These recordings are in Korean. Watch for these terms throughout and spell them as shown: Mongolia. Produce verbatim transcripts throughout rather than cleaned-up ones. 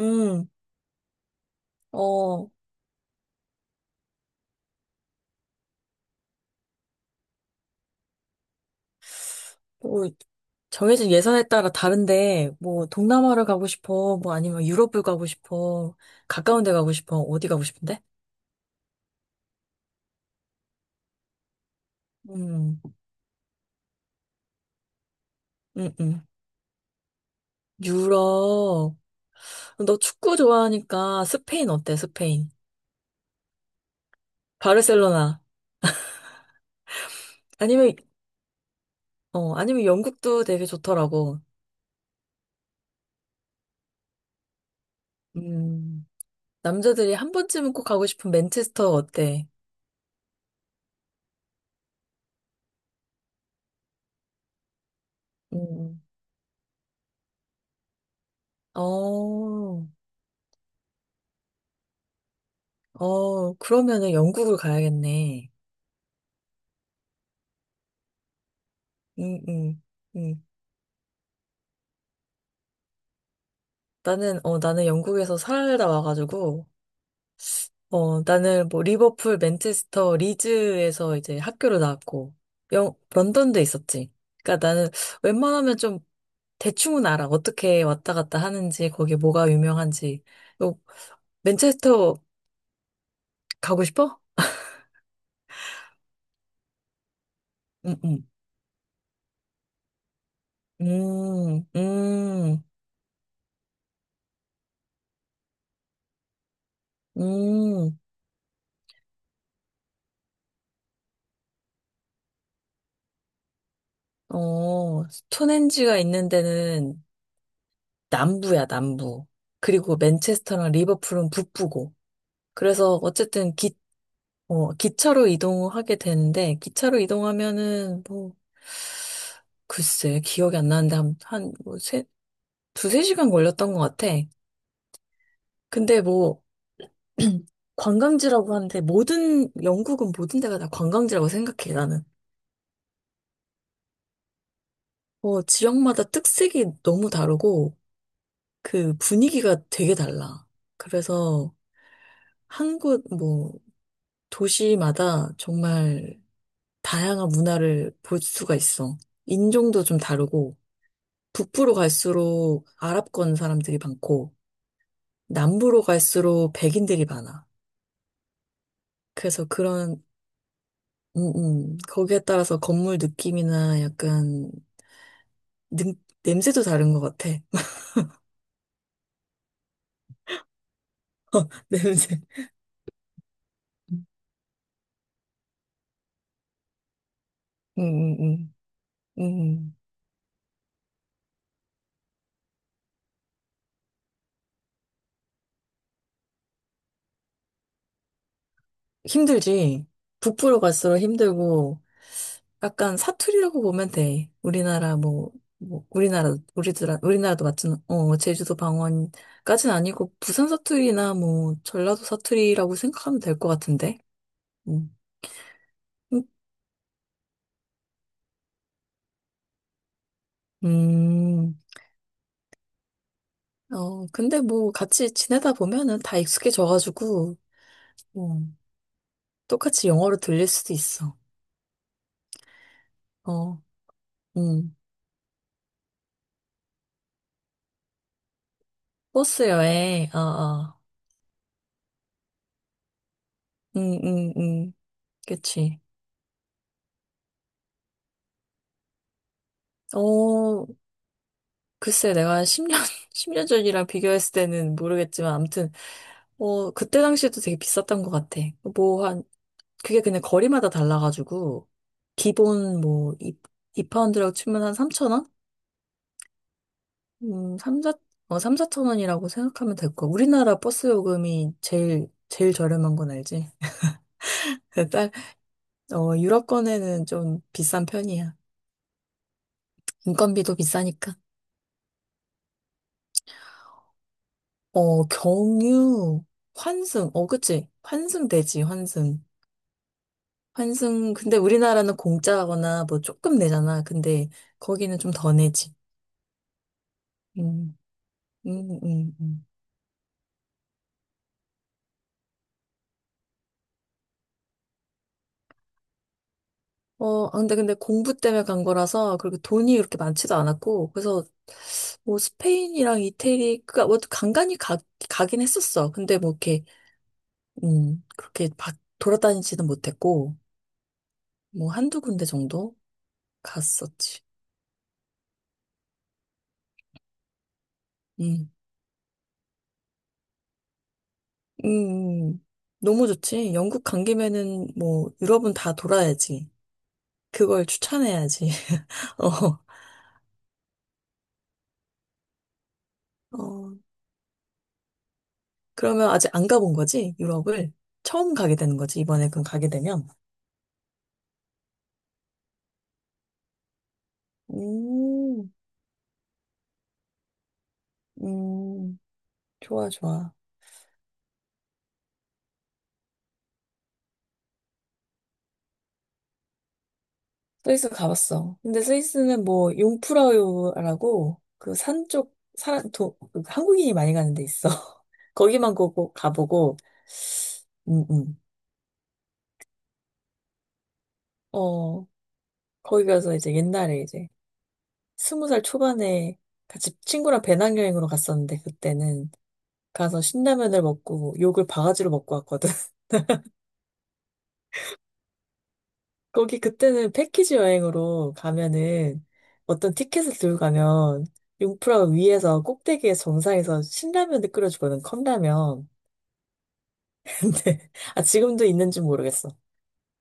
음, 어, 뭐, 정해진 예산에 따라 다른데, 뭐, 동남아를 가고 싶어, 뭐, 아니면 유럽을 가고 싶어, 가까운 데 가고 싶어, 어디 가고 싶은데? 음, 음, 음. 유럽. 너 축구 좋아하니까 스페인 어때, 스페인? 바르셀로나. 아니면, 어, 아니면 영국도 되게 좋더라고. 음, 남자들이 한 번쯤은 꼭 가고 싶은 맨체스터 어때? 음, 어, 어, 그러면은 영국을 가야겠네. 음, 음, 음. 나는, 어, 나는 영국에서 살다 와가지고, 어, 나는 뭐, 리버풀, 맨체스터, 리즈에서 이제 학교를 나왔고, 영, 런던도 있었지. 그러니까 나는 웬만하면 좀 대충은 알아. 어떻게 왔다 갔다 하는지, 거기 뭐가 유명한지. 요, 맨체스터 가고 싶어? 응응. 음, 음, 음. 어, 스톤헨지가 있는 데는 남부야, 남부. 그리고 맨체스터랑 리버풀은 북부고. 그래서 어쨌든 기, 어, 기차로 이동하게 되는데, 기차로 이동하면은 뭐, 글쎄, 기억이 안 나는데 한, 한, 뭐, 세, 두세 시간 걸렸던 것 같아. 근데 뭐, 관광지라고 하는데 모든, 영국은 모든 데가 다 관광지라고 생각해, 나는. 뭐, 지역마다 특색이 너무 다르고, 그 분위기가 되게 달라. 그래서 한 곳, 뭐, 도시마다 정말 다양한 문화를 볼 수가 있어. 인종도 좀 다르고, 북부로 갈수록 아랍권 사람들이 많고, 남부로 갈수록 백인들이 많아. 그래서 그런, 음, 음, 거기에 따라서 건물 느낌이나 약간, 능, 냄새도 다른 것 같아. 냄새. 음, 음, 음. 음. 힘들지. 북부로 갈수록 힘들고, 약간 사투리라고 보면 돼. 우리나라 뭐, 뭐 우리나라 우리들 우리나라도 마찬 어 제주도 방언까지는 아니고 부산 사투리나 뭐 전라도 사투리라고 생각하면 될 것 같은데. 음. 음. 어 근데 뭐 같이 지내다 보면은 다 익숙해져가지고 뭐 똑같이 영어로 들릴 수도 있어. 어. 음. 버스 여행. 어 어. 음 음, 음. 그치. 어, 글쎄, 내가 한 십 년, 십 년 전이랑 비교했을 때는 모르겠지만, 아무튼, 어, 그때 당시에도 되게 비쌌던 것 같아. 뭐, 한, 그게 그냥 거리마다 달라가지고, 기본 뭐, 이, 이파운드라고 치면 한 삼천 원? 음, 삼, 사, 어, 삼, 사 원이라고 생각하면 될 거야. 우리나라 버스 요금이 제일, 제일 저렴한 건 알지? 딸, 어, 유럽권에는 좀 비싼 편이야. 인건비도 비싸니까. 어, 경유, 환승, 어, 그치? 환승되지, 환승. 환승, 근데 우리나라는 공짜거나 뭐 조금 내잖아. 근데 거기는 좀 더 내지. 음, 음, 음, 음. 어, 아, 근데 근데 공부 때문에 간 거라서 그렇게 돈이 그렇게 많지도 않았고, 그래서 뭐 스페인이랑 이태리, 그니까 뭐 간간히 가, 가긴 했었어. 근데 뭐 이렇게, 음, 그렇게 바, 돌아다니지는 못했고, 뭐 한두 군데 정도 갔었지. 음, 음, 음. 너무 좋지. 영국 간 김에는 뭐 유럽은 다 돌아야지. 그걸 추천해야지. 어, 어, 그러면 아직 안 가본 거지? 유럽을? 처음 가게 되는 거지, 이번에 그럼 가게 되면? 음, 음, 좋아, 좋아. 스위스 가봤어. 근데 스위스는 뭐, 융프라우라고, 그 산 쪽, 사람, 도, 그 한국인이 많이 가는 데 있어. 거기만 꼭 가보고, 음, 음. 어, 거기 가서 이제 옛날에 이제, 스무 살 초반에 같이 친구랑 배낭여행으로 갔었는데, 그때는 가서 신라면을 먹고, 욕을 바가지로 먹고 왔거든. 거기 그때는 패키지 여행으로 가면은 어떤 티켓을 들고 가면 융프라가 위에서 꼭대기에 정상에서 신라면을 끓여주거든, 컵라면. 근데, 아, 지금도 있는지 모르겠어.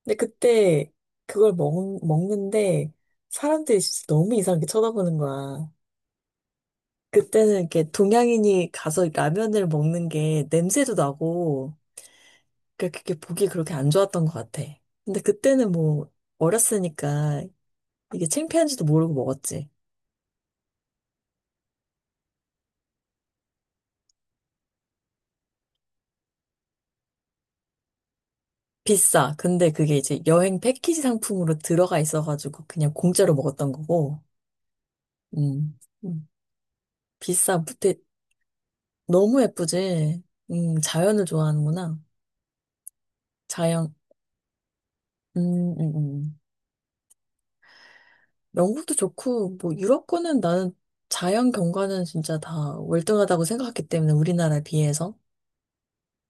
근데 그때 그걸 먹, 먹는데 사람들이 진짜 너무 이상하게 쳐다보는 거야. 그때는 이렇게 동양인이 가서 라면을 먹는 게 냄새도 나고, 그러니까 그게 보기 그렇게 안 좋았던 것 같아. 근데 그때는 뭐 어렸으니까 이게 창피한지도 모르고 먹었지. 비싸. 근데 그게 이제 여행 패키지 상품으로 들어가 있어가지고 그냥 공짜로 먹었던 거고. 음. 음. 비싸. 근데 너무 예쁘지. 음, 자연을 좋아하는구나. 자연. 음, 음, 음. 영국도 좋고 뭐 유럽 거는 나는 자연 경관은 진짜 다 월등하다고 생각했기 때문에 우리나라에 비해서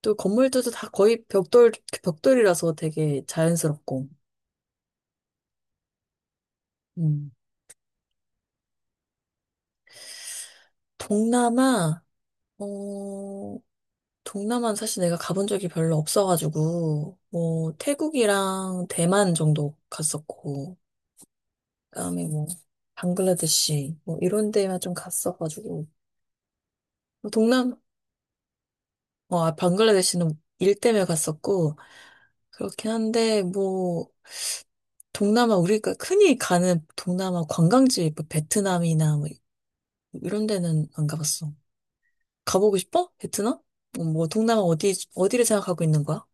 또 건물들도 다 거의 벽돌 벽돌이라서 되게 자연스럽고. 음. 동남아 어 동남아는 사실 내가 가본 적이 별로 없어가지고, 뭐, 태국이랑 대만 정도 갔었고, 그다음에 뭐, 방글라데시, 뭐, 이런 데만 좀 갔어가지고, 뭐 동남, 어, 아, 방글라데시는 일 때문에 갔었고, 그렇긴 한데, 뭐, 동남아, 우리가 흔히 가는 동남아 관광지, 뭐, 베트남이나 뭐, 이런 데는 안 가봤어. 가보고 싶어? 베트남? 뭐, 뭐, 동남아 어디, 어디를 생각하고 있는 거야?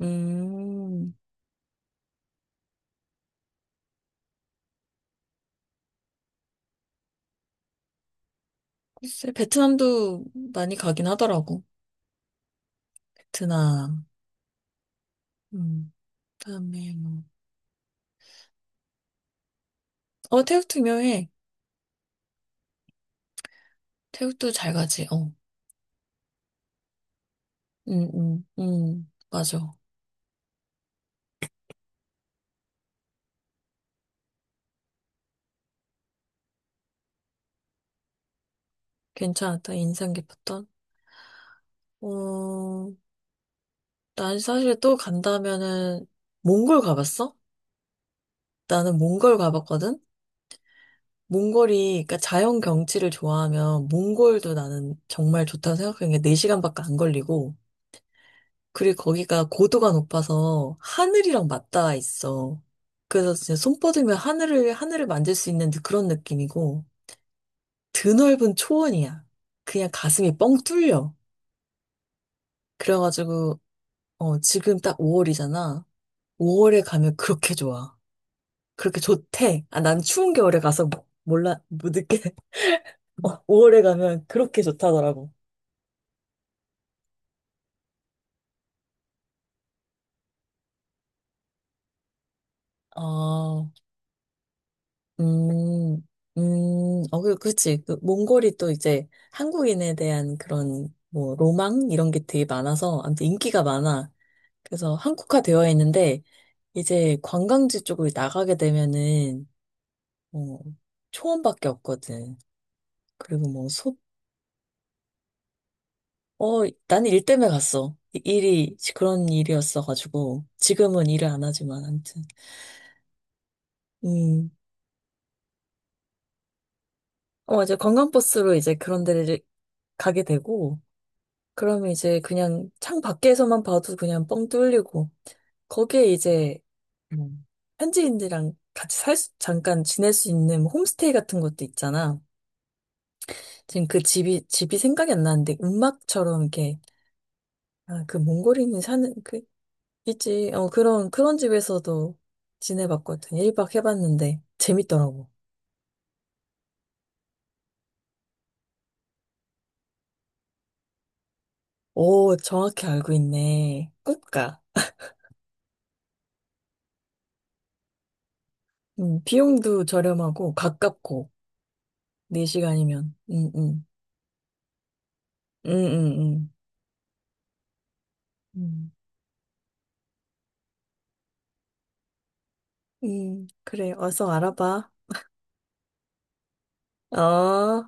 음. 글쎄, 베트남도 많이 가긴 하더라고. 베트남. 음, 그다음에 뭐. 어, 태국도 유명해. 태국도 잘 가지. 어. 음, 음, 음. 맞아. 괜찮았다. 인상 깊었던. 어, 난 사실 또 간다면은 몽골 가봤어? 나는 몽골 가봤거든. 몽골이 그러니까 자연 경치를 좋아하면 몽골도 나는 정말 좋다고 생각하는 게 네 시간밖에 안 걸리고 그리고 거기가 고도가 높아서 하늘이랑 맞닿아 있어. 그래서 진짜 손 뻗으면 하늘을, 하늘을 만질 수 있는 그런 느낌이고, 드넓은 초원이야. 그냥 가슴이 뻥 뚫려. 그래가지고, 어, 지금 딱 오월이잖아. 오월에 가면 그렇게 좋아. 그렇게 좋대. 아, 난 추운 겨울에 가서 뭐, 몰라, 못 느끼, 오월에 가면 그렇게 좋다더라고. 어, 음, 음, 어, 그, 그치. 그, 몽골이 또 이제 한국인에 대한 그런, 뭐, 로망? 이런 게 되게 많아서, 아무튼 인기가 많아. 그래서 한국화 되어 있는데, 이제 관광지 쪽으로 나가게 되면은, 뭐, 초원밖에 없거든. 그리고 뭐, 소, 어, 나는 일 때문에 갔어. 이- 일이, 그런 일이었어가지고, 지금은 일을 안 하지만, 아무튼. 음, 어, 이제 관광버스로 이제 그런 데를 가게 되고, 그러면 이제 그냥 창 밖에서만 봐도 그냥 뻥 뚫리고, 거기에 이제, 음, 현지인들이랑 같이 살 수, 잠깐 지낼 수 있는 뭐 홈스테이 같은 것도 있잖아. 지금 그 집이, 집이 생각이 안 나는데, 음악처럼 이렇게, 아, 그 몽골인이 사는, 그, 있지. 어, 그런, 그런 집에서도 지내봤거든. 일 박 해봤는데, 재밌더라고. 오, 정확히 알고 있네. 꼭 가. 음, 비용도 저렴하고, 가깝고, 네 시간이면. 음, 음. 응, 응, 응. 응. 음. 음, 그래, 어서 알아봐. 어.